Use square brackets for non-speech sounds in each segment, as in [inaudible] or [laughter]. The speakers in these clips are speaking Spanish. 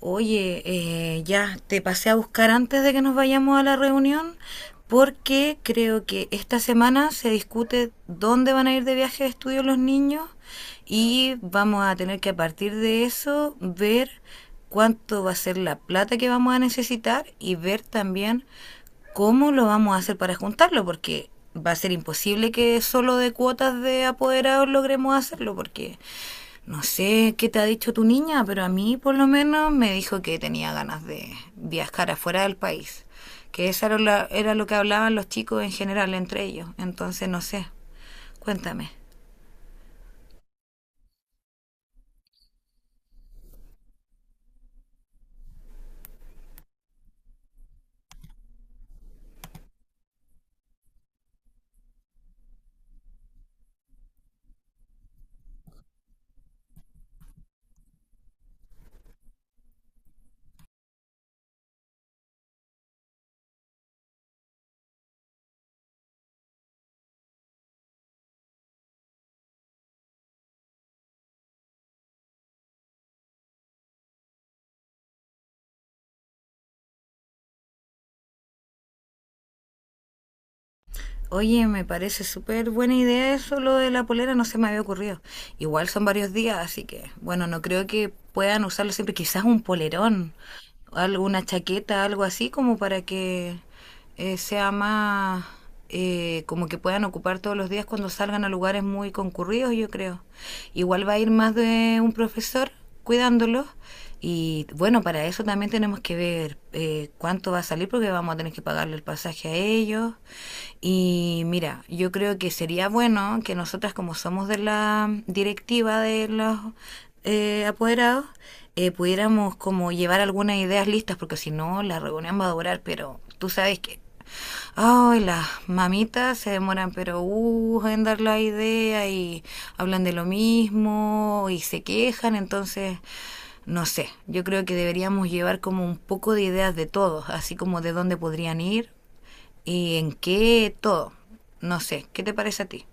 Oye, ya te pasé a buscar antes de que nos vayamos a la reunión, porque creo que esta semana se discute dónde van a ir de viaje de estudio los niños, y vamos a tener que a partir de eso ver cuánto va a ser la plata que vamos a necesitar y ver también cómo lo vamos a hacer para juntarlo, porque va a ser imposible que solo de cuotas de apoderados logremos hacerlo, porque no sé qué te ha dicho tu niña, pero a mí por lo menos me dijo que tenía ganas de viajar afuera del país, que eso era era lo que hablaban los chicos en general entre ellos, entonces no sé. Cuéntame. Oye, me parece súper buena idea eso, lo de la polera, no se me había ocurrido. Igual son varios días, así que, bueno, no creo que puedan usarlo siempre. Quizás un polerón, alguna chaqueta, algo así, como para que sea más, como que puedan ocupar todos los días cuando salgan a lugares muy concurridos, yo creo. Igual va a ir más de un profesor, cuidándolos. Y bueno, para eso también tenemos que ver cuánto va a salir, porque vamos a tener que pagarle el pasaje a ellos. Y mira, yo creo que sería bueno que nosotras, como somos de la directiva de los apoderados, pudiéramos como llevar algunas ideas listas, porque si no la reunión va a durar, pero tú sabes que ay, las mamitas se demoran, pero en dar la idea y hablan de lo mismo y se quejan, entonces, no sé, yo creo que deberíamos llevar como un poco de ideas de todos, así como de dónde podrían ir y en qué todo. No sé, ¿qué te parece a ti?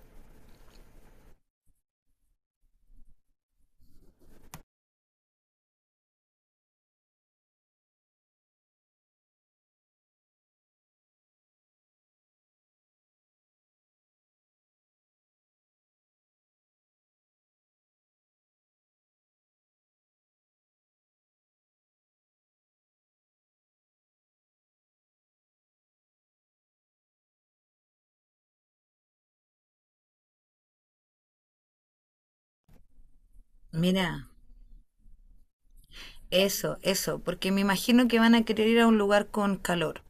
Mira, eso, porque me imagino que van a querer ir a un lugar con calor.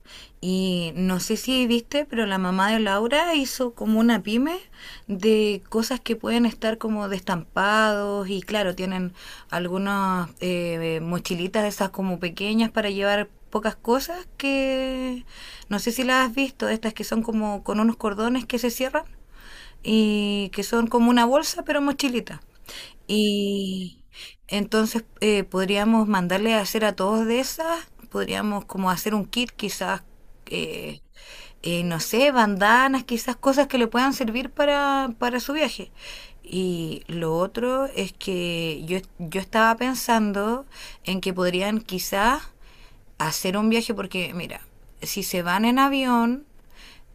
Y no sé si viste, pero la mamá de Laura hizo como una pyme de cosas que pueden estar como de estampados y claro, tienen algunas mochilitas de esas como pequeñas para llevar pocas cosas, que no sé si las has visto, estas que son como con unos cordones que se cierran y que son como una bolsa pero mochilita. Y entonces podríamos mandarle a hacer a todos de esas, podríamos como hacer un kit quizás, eh, no sé, bandanas, quizás cosas que le puedan servir para su viaje. Y lo otro es que yo estaba pensando en que podrían quizás hacer un viaje porque, mira, si se van en avión,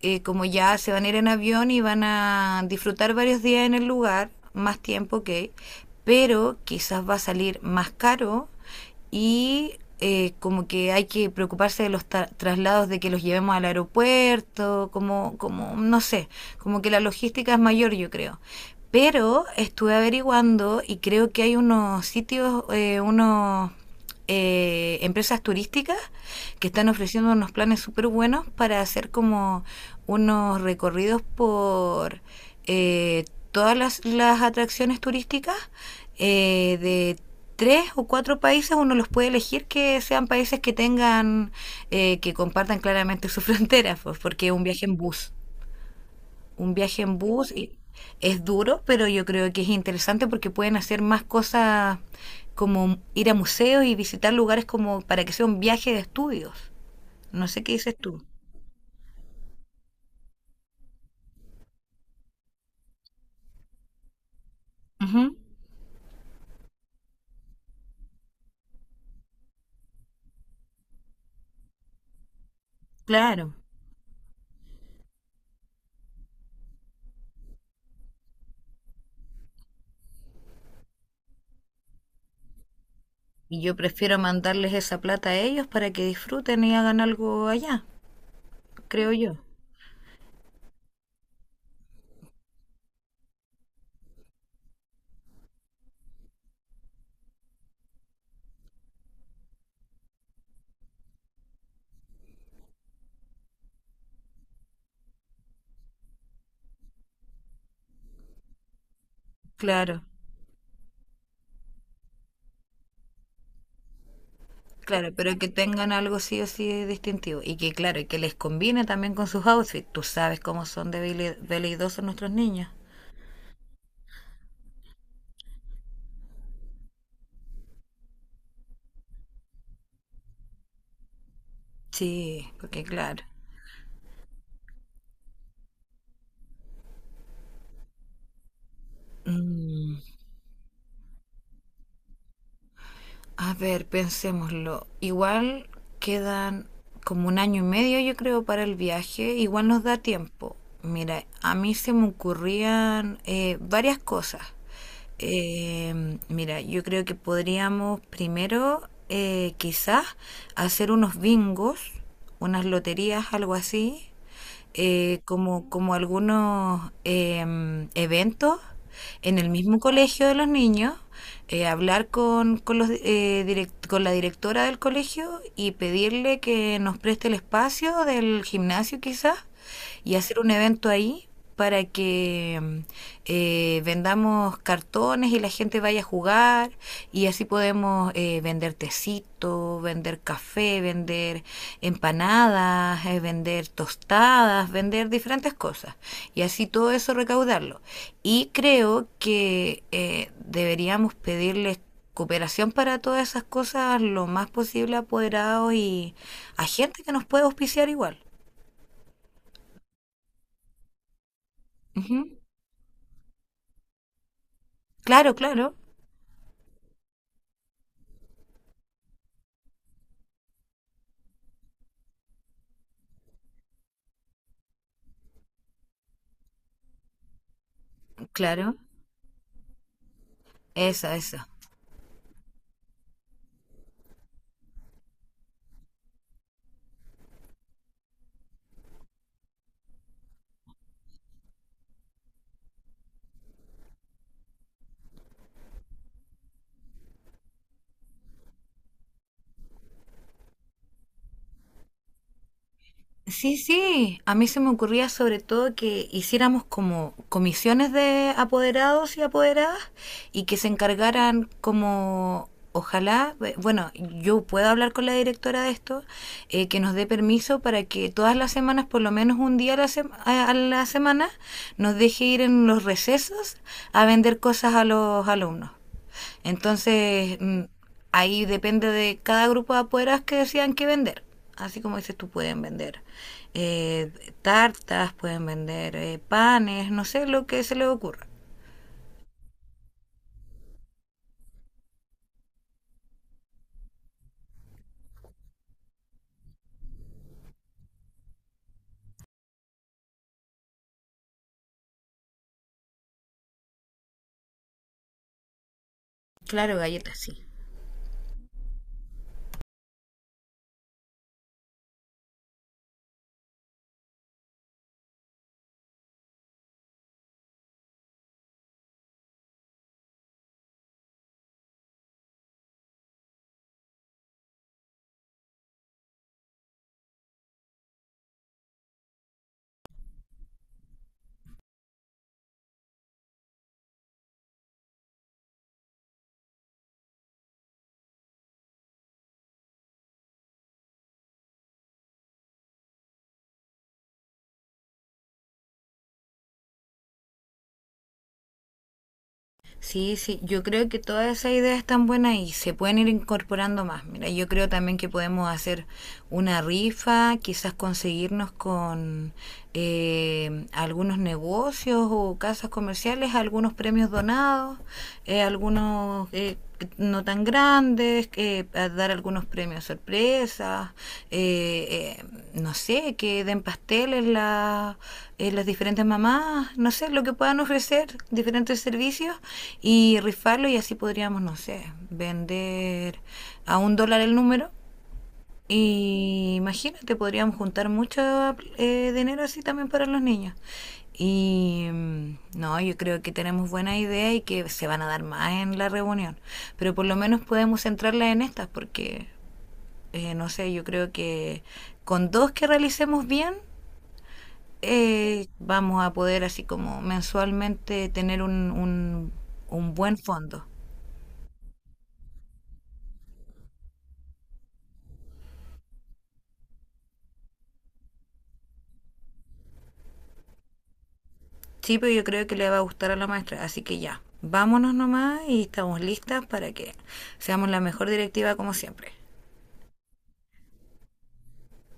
como ya se van a ir en avión y van a disfrutar varios días en el lugar, más tiempo que, pero quizás va a salir más caro y como que hay que preocuparse de los traslados, de que los llevemos al aeropuerto, como, como, no sé, como que la logística es mayor, yo creo. Pero estuve averiguando y creo que hay unos sitios, unos empresas turísticas que están ofreciendo unos planes súper buenos para hacer como unos recorridos por eh, todas las atracciones turísticas de tres o cuatro países, uno los puede elegir que sean países que tengan, que compartan claramente sus fronteras, [laughs] pues, porque es un viaje en bus, un viaje en bus y- es duro, pero yo creo que es interesante porque pueden hacer más cosas como ir a museos y visitar lugares como para que sea un viaje de estudios. No sé qué dices tú. Ujú, claro. Y yo prefiero mandarles esa plata a ellos para que disfruten y hagan algo allá, creo yo. Claro, claro, pero que tengan algo sí o sí distintivo. Y que, claro, y que les combine también con sus outfits. Tú sabes cómo son de veleidosos nuestros niños. Sí, porque claro. Mm. A ver, pensémoslo. Igual quedan como un año y medio, yo creo, para el viaje. Igual nos da tiempo. Mira, a mí se me ocurrían varias cosas. Mira, yo creo que podríamos primero, quizás, hacer unos bingos, unas loterías, algo así, como, como algunos eventos en el mismo colegio de los niños, hablar con los, con la directora del colegio y pedirle que nos preste el espacio del gimnasio quizás, y hacer un evento ahí para que vendamos cartones y la gente vaya a jugar, y así podemos vender tecito, vender café, vender empanadas, vender tostadas, vender diferentes cosas y así todo eso recaudarlo. Y creo que deberíamos pedirles cooperación para todas esas cosas lo más posible a apoderados y a gente que nos pueda auspiciar igual. Ujú. Claro, claro, claro. Esa, esa. Sí, sí, a mí se me ocurría sobre todo que hiciéramos como comisiones de apoderados y apoderadas y que se encargaran como, ojalá, bueno, yo puedo hablar con la directora de esto, que nos dé permiso para que todas las semanas, por lo menos un día a a la semana, nos deje ir en los recesos a vender cosas a los alumnos. Entonces, mm, ahí depende de cada grupo de apoderados que decidan qué vender. Así como dices tú, pueden vender eh, tartas, pueden vender panes, no sé lo que se les ocurra. Claro, galletas sí. Sí, sí, yo creo que todas esas ideas están buenas y se pueden ir incorporando más. Mira, yo creo también que podemos hacer una rifa, quizás conseguirnos con algunos negocios o casas comerciales, algunos premios donados, algunos… que no tan grandes, dar algunos premios sorpresa, eh, eh, no sé, que den pasteles las diferentes mamás, no sé, lo que puedan ofrecer, diferentes servicios, y rifarlo, y así podríamos, no sé, vender a un dólar el número, y imagínate, podríamos juntar mucho dinero así también para los niños. Y mm, no, yo creo que tenemos buena idea y que se van a dar más en la reunión. Pero por lo menos podemos centrarla en estas porque, no sé, yo creo que con dos que realicemos bien, vamos a poder así como mensualmente tener un buen fondo. Sí, pero yo creo que le va a gustar a la maestra, así que ya, vámonos nomás y estamos listas para que seamos la mejor directiva como siempre.